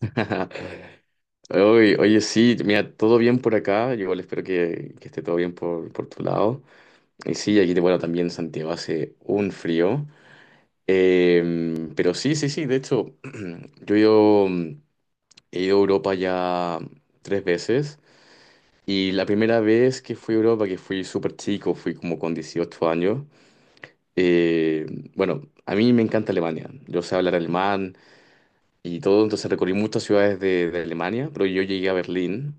Sí, mira, todo bien por acá. Yo igual espero que esté todo bien por tu lado. Y sí, aquí, bueno, también Santiago hace un frío. Pero sí, sí, sí, de hecho, yo he ido a Europa ya tres veces. Y la primera vez que fui a Europa, que fui súper chico, fui como con 18 años. eh, bueno, a mí me encanta Alemania. Yo sé hablar alemán y todo, entonces recorrí muchas ciudades de Alemania, pero yo llegué a Berlín.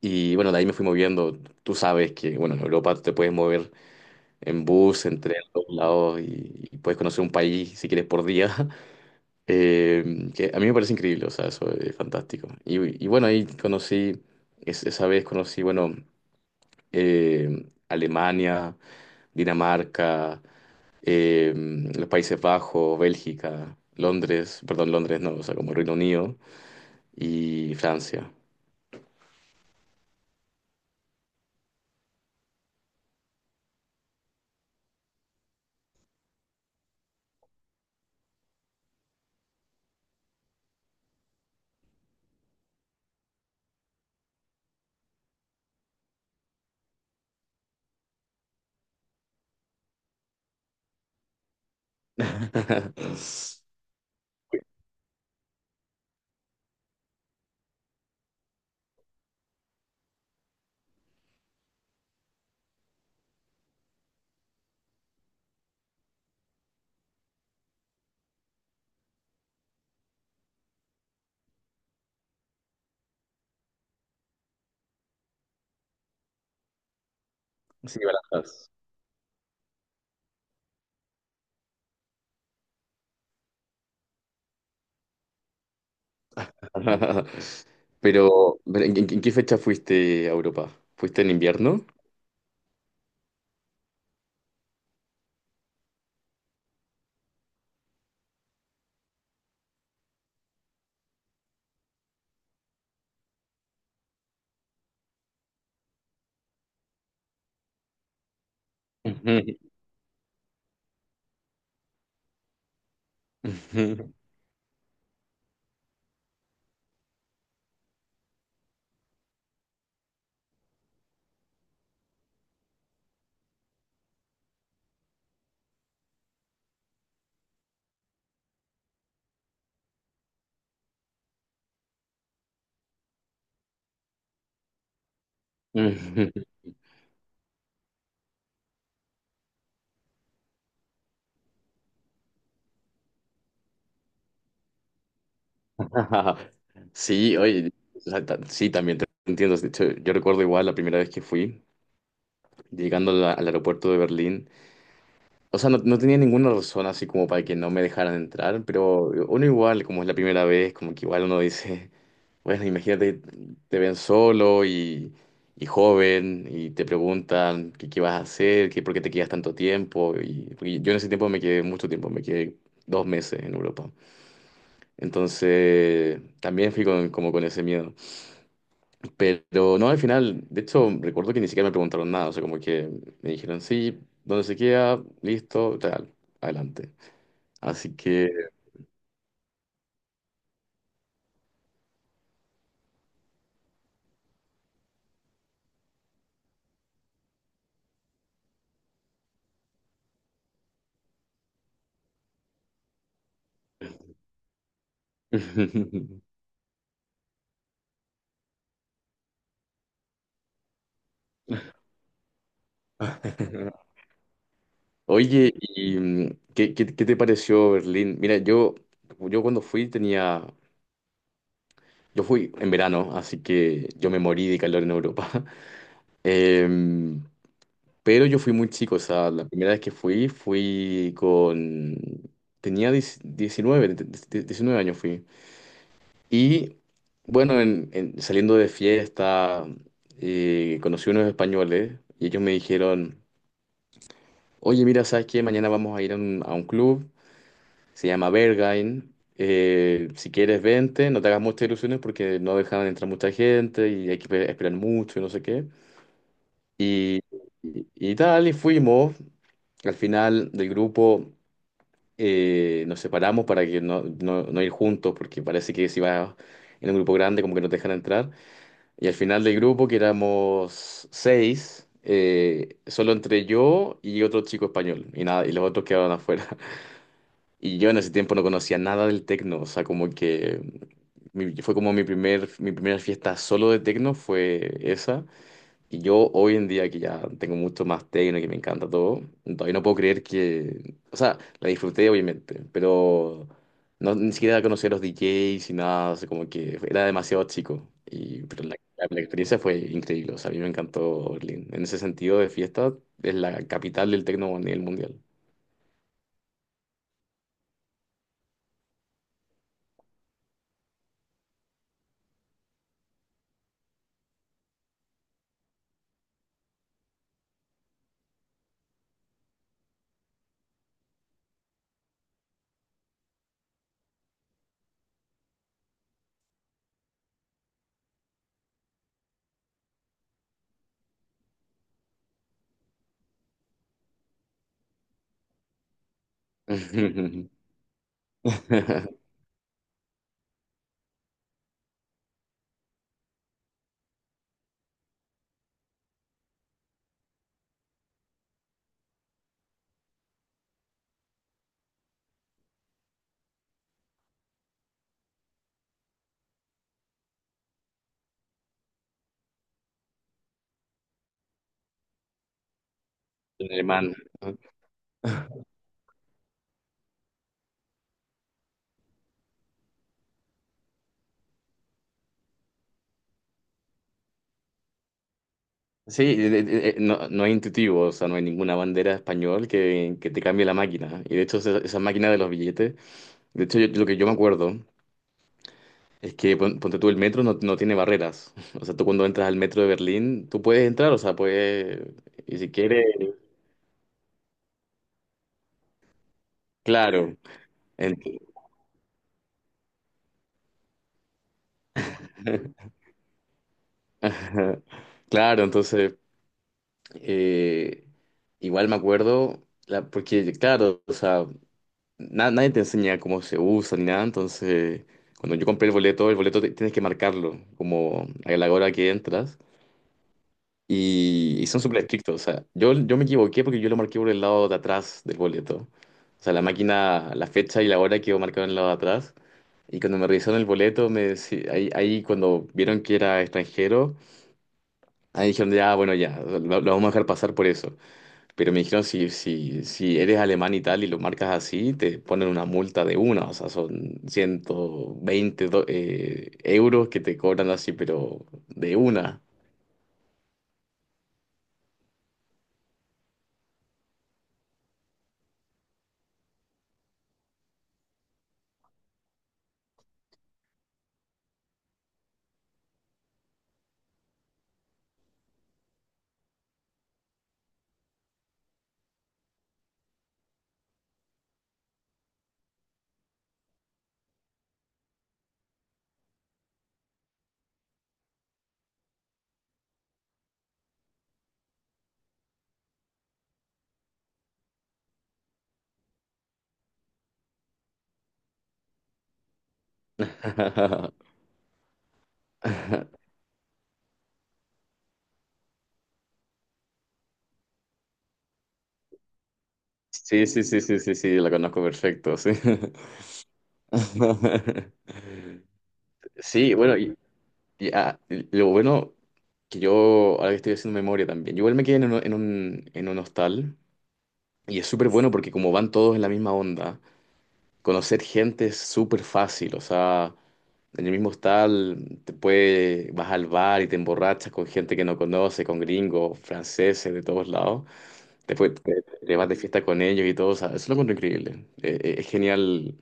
Y bueno, de ahí me fui moviendo. Tú sabes que, bueno, en Europa te puedes mover en bus, en tren, a todos lados y puedes conocer un país si quieres por día. Que a mí me parece increíble, o sea, eso es fantástico. Y bueno, ahí conocí, esa vez conocí, bueno, Alemania, Dinamarca, eh, los Países Bajos, Bélgica, Londres, perdón, Londres no, o sea, como Reino Unido y Francia. Sí, Barajas. Pero en qué fecha fuiste a Europa? ¿Fuiste en invierno? Ujú, ujú, ujú. Sí, oye, sí, también te entiendo. De hecho, yo recuerdo igual la primera vez que fui, llegando a al aeropuerto de Berlín. O sea, no, no tenía ninguna razón así como para que no me dejaran entrar, pero uno igual, como es la primera vez, como que igual uno dice, bueno, imagínate, te ven solo y joven y te preguntan qué vas a hacer, qué, por qué te quedas tanto tiempo. Y, porque yo en ese tiempo me quedé mucho tiempo, me quedé dos meses en Europa. Entonces, también fui con, como con ese miedo. Pero no, al final, de hecho, recuerdo que ni siquiera me preguntaron nada, o sea, como que me dijeron, sí, ¿dónde se queda? Listo, tal, adelante. Así que... Oye, ¿y qué, qué te pareció Berlín? Mira, yo cuando fui tenía... Yo fui en verano, así que yo me morí de calor en Europa. Em, pero yo fui muy chico, o sea, la primera vez que fui, fui con... Tenía 10 19 de- 19 años fui. Y bueno, saliendo de fiesta, conocí unos españoles y ellos me dijeron... Oye, mira, ¿sabes que mañana vamos a ir a un club, se llama Berghain. Si quieres, vente, no te hagas muchas ilusiones porque no dejan entrar mucha gente y hay que esperar mucho y no sé qué. Y, y tal, y fuimos. Al final del grupo nos separamos para que no ir juntos porque parece que si vas en un grupo grande como que no te dejan entrar. Y al final del grupo, que éramos seis, solo entre yo y otro chico español y nada, y los otros quedaron afuera. Y yo en ese tiempo no conocía nada del tecno, o sea, como que fue como mi primer, mi primera fiesta solo de tecno fue esa. Y yo hoy en día que ya tengo mucho más tecno, que me encanta todo, todavía no puedo creer que, o sea, la disfruté obviamente, pero no, ni siquiera conocía los DJs y nada, o sea, como que era demasiado chico. Y, pero la, la experiencia fue increíble, o sea, a mí me encantó Berlín. En ese sentido de fiesta, es la capital del tecno a nivel mundial. El alemán. ¿No? Sí, no, no es intuitivo, o sea, no hay ninguna bandera español que te cambie la máquina. ¿No? Y de hecho, esa máquina de los billetes, de hecho, lo que yo me acuerdo es que, ponte tú, el metro no, no tiene barreras. O sea, tú cuando entras al metro de Berlín, tú puedes entrar, o sea, puedes, y si quieres, claro. Ent- Claro, entonces, eh, igual me acuerdo, porque, claro, o sea... nadie te enseña cómo se usa ni nada, entonces cuando yo compré el boleto tienes que marcarlo como a la hora que entras y son súper estrictos, o sea, yo me equivoqué porque yo lo marqué por el lado de atrás del boleto, o sea, la máquina, la fecha y la hora quedó marcada en el lado de atrás y cuando me revisaron el boleto, ahí, ahí cuando vieron que era extranjero, ahí dijeron ya, bueno, ya, lo vamos a dejar pasar por eso. Pero me dijeron, si eres alemán y tal y lo marcas así, te ponen una multa de una, o sea, son 120 euros que te cobran así, pero de una. Sí, sí, sí, sí, sí, sí, la conozco perfecto, sí. Sí, bueno, ah, lo bueno que yo, ahora que estoy haciendo memoria también, yo igual me quedé en un, en un hostal y es súper bueno porque como van todos en la misma onda. Conocer gente es súper fácil, o sea, en el mismo hostal te puede, vas al bar y te emborrachas con gente que no conoce, con gringos, franceses de todos lados. Después te vas de fiesta con ellos y todo, o sea, eso lo encuentro increíble. Es genial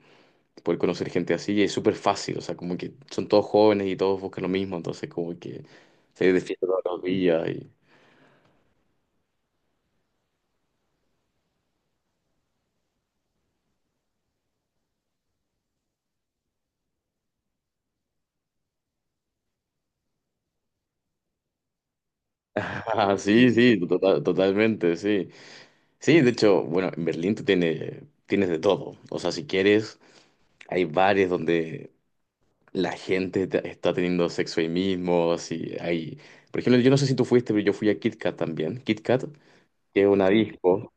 poder conocer gente así y es súper fácil, o sea, como que son todos jóvenes y todos buscan lo mismo, entonces como que se de fiesta todos los días y... Ah, sí, sí, totalmente, sí. Sí, de hecho, bueno, en Berlín tú tienes, tienes de todo. O sea, si quieres, hay bares donde la gente está teniendo sexo ahí mismo, así hay... Por ejemplo, yo no sé si tú fuiste, pero yo fui a Kit Kat también. Kit Kat, que es una disco.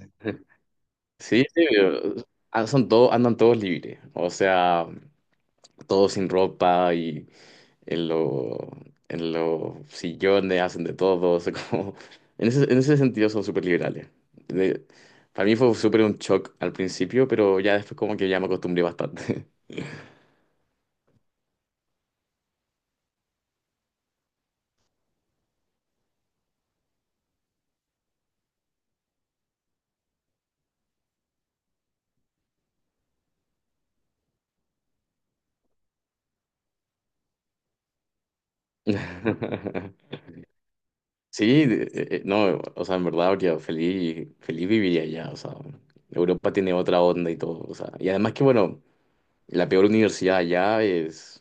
Sí, sí, pero, ah, son todos, andan todos libres, o sea, todos sin ropa y en lo, en los sillones hacen de todo, o sea, como, en ese sentido son súper liberales. De- para mí fue súper un shock al principio, pero ya después como que ya me acostumbré bastante. Sí, no, o sea, en verdad habría feliz, feliz viviría allá, o sea, Europa tiene otra onda y todo, o sea, y además que, bueno, la peor universidad allá es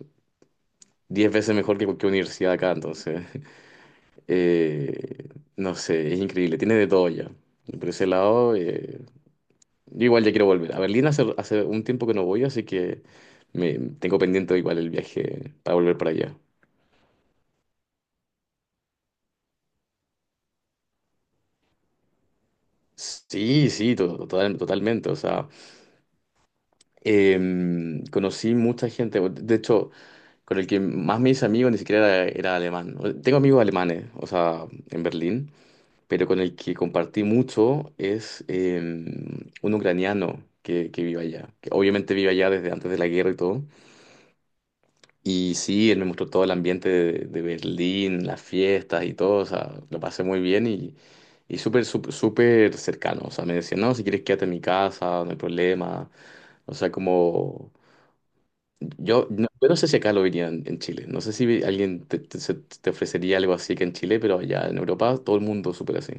10 veces mejor que cualquier universidad acá, entonces, eh, no sé, es increíble, tiene de todo allá. Y por ese lado, yo igual ya quiero volver. A Berlín hace un tiempo que no voy, así que me, tengo pendiente igual el viaje para volver para allá. Sí, sí, totalmente, o sea... conocí mucha gente, de hecho, con el que más me hice amigo ni siquiera era alemán. Tengo amigos alemanes, o sea, en Berlín, pero con el que compartí mucho es un ucraniano que vive allá, que obviamente vive allá desde antes de la guerra y todo. Y sí, él me mostró todo el ambiente de Berlín, las fiestas y todo, o sea, lo pasé muy bien y súper, súper, súper cercano. O sea, me decía, no, si quieres quédate en mi casa, no hay problema. O sea, como... yo no sé si acá lo verían en Chile. No sé si alguien te ofrecería algo así que en Chile, pero allá en Europa todo el mundo súper así.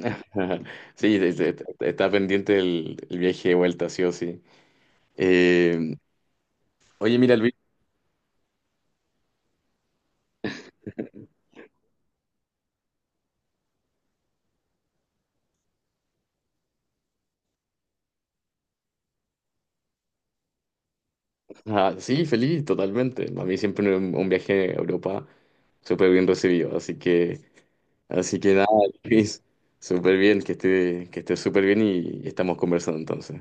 Ajá. Sí, está pendiente el viaje de vuelta, sí o sí. Eh, oye, mira, Luis. Ah, sí, feliz, totalmente. A mí siempre un viaje a Europa súper bien recibido. Así que nada, Luis, súper bien, que esté súper bien y estamos conversando entonces.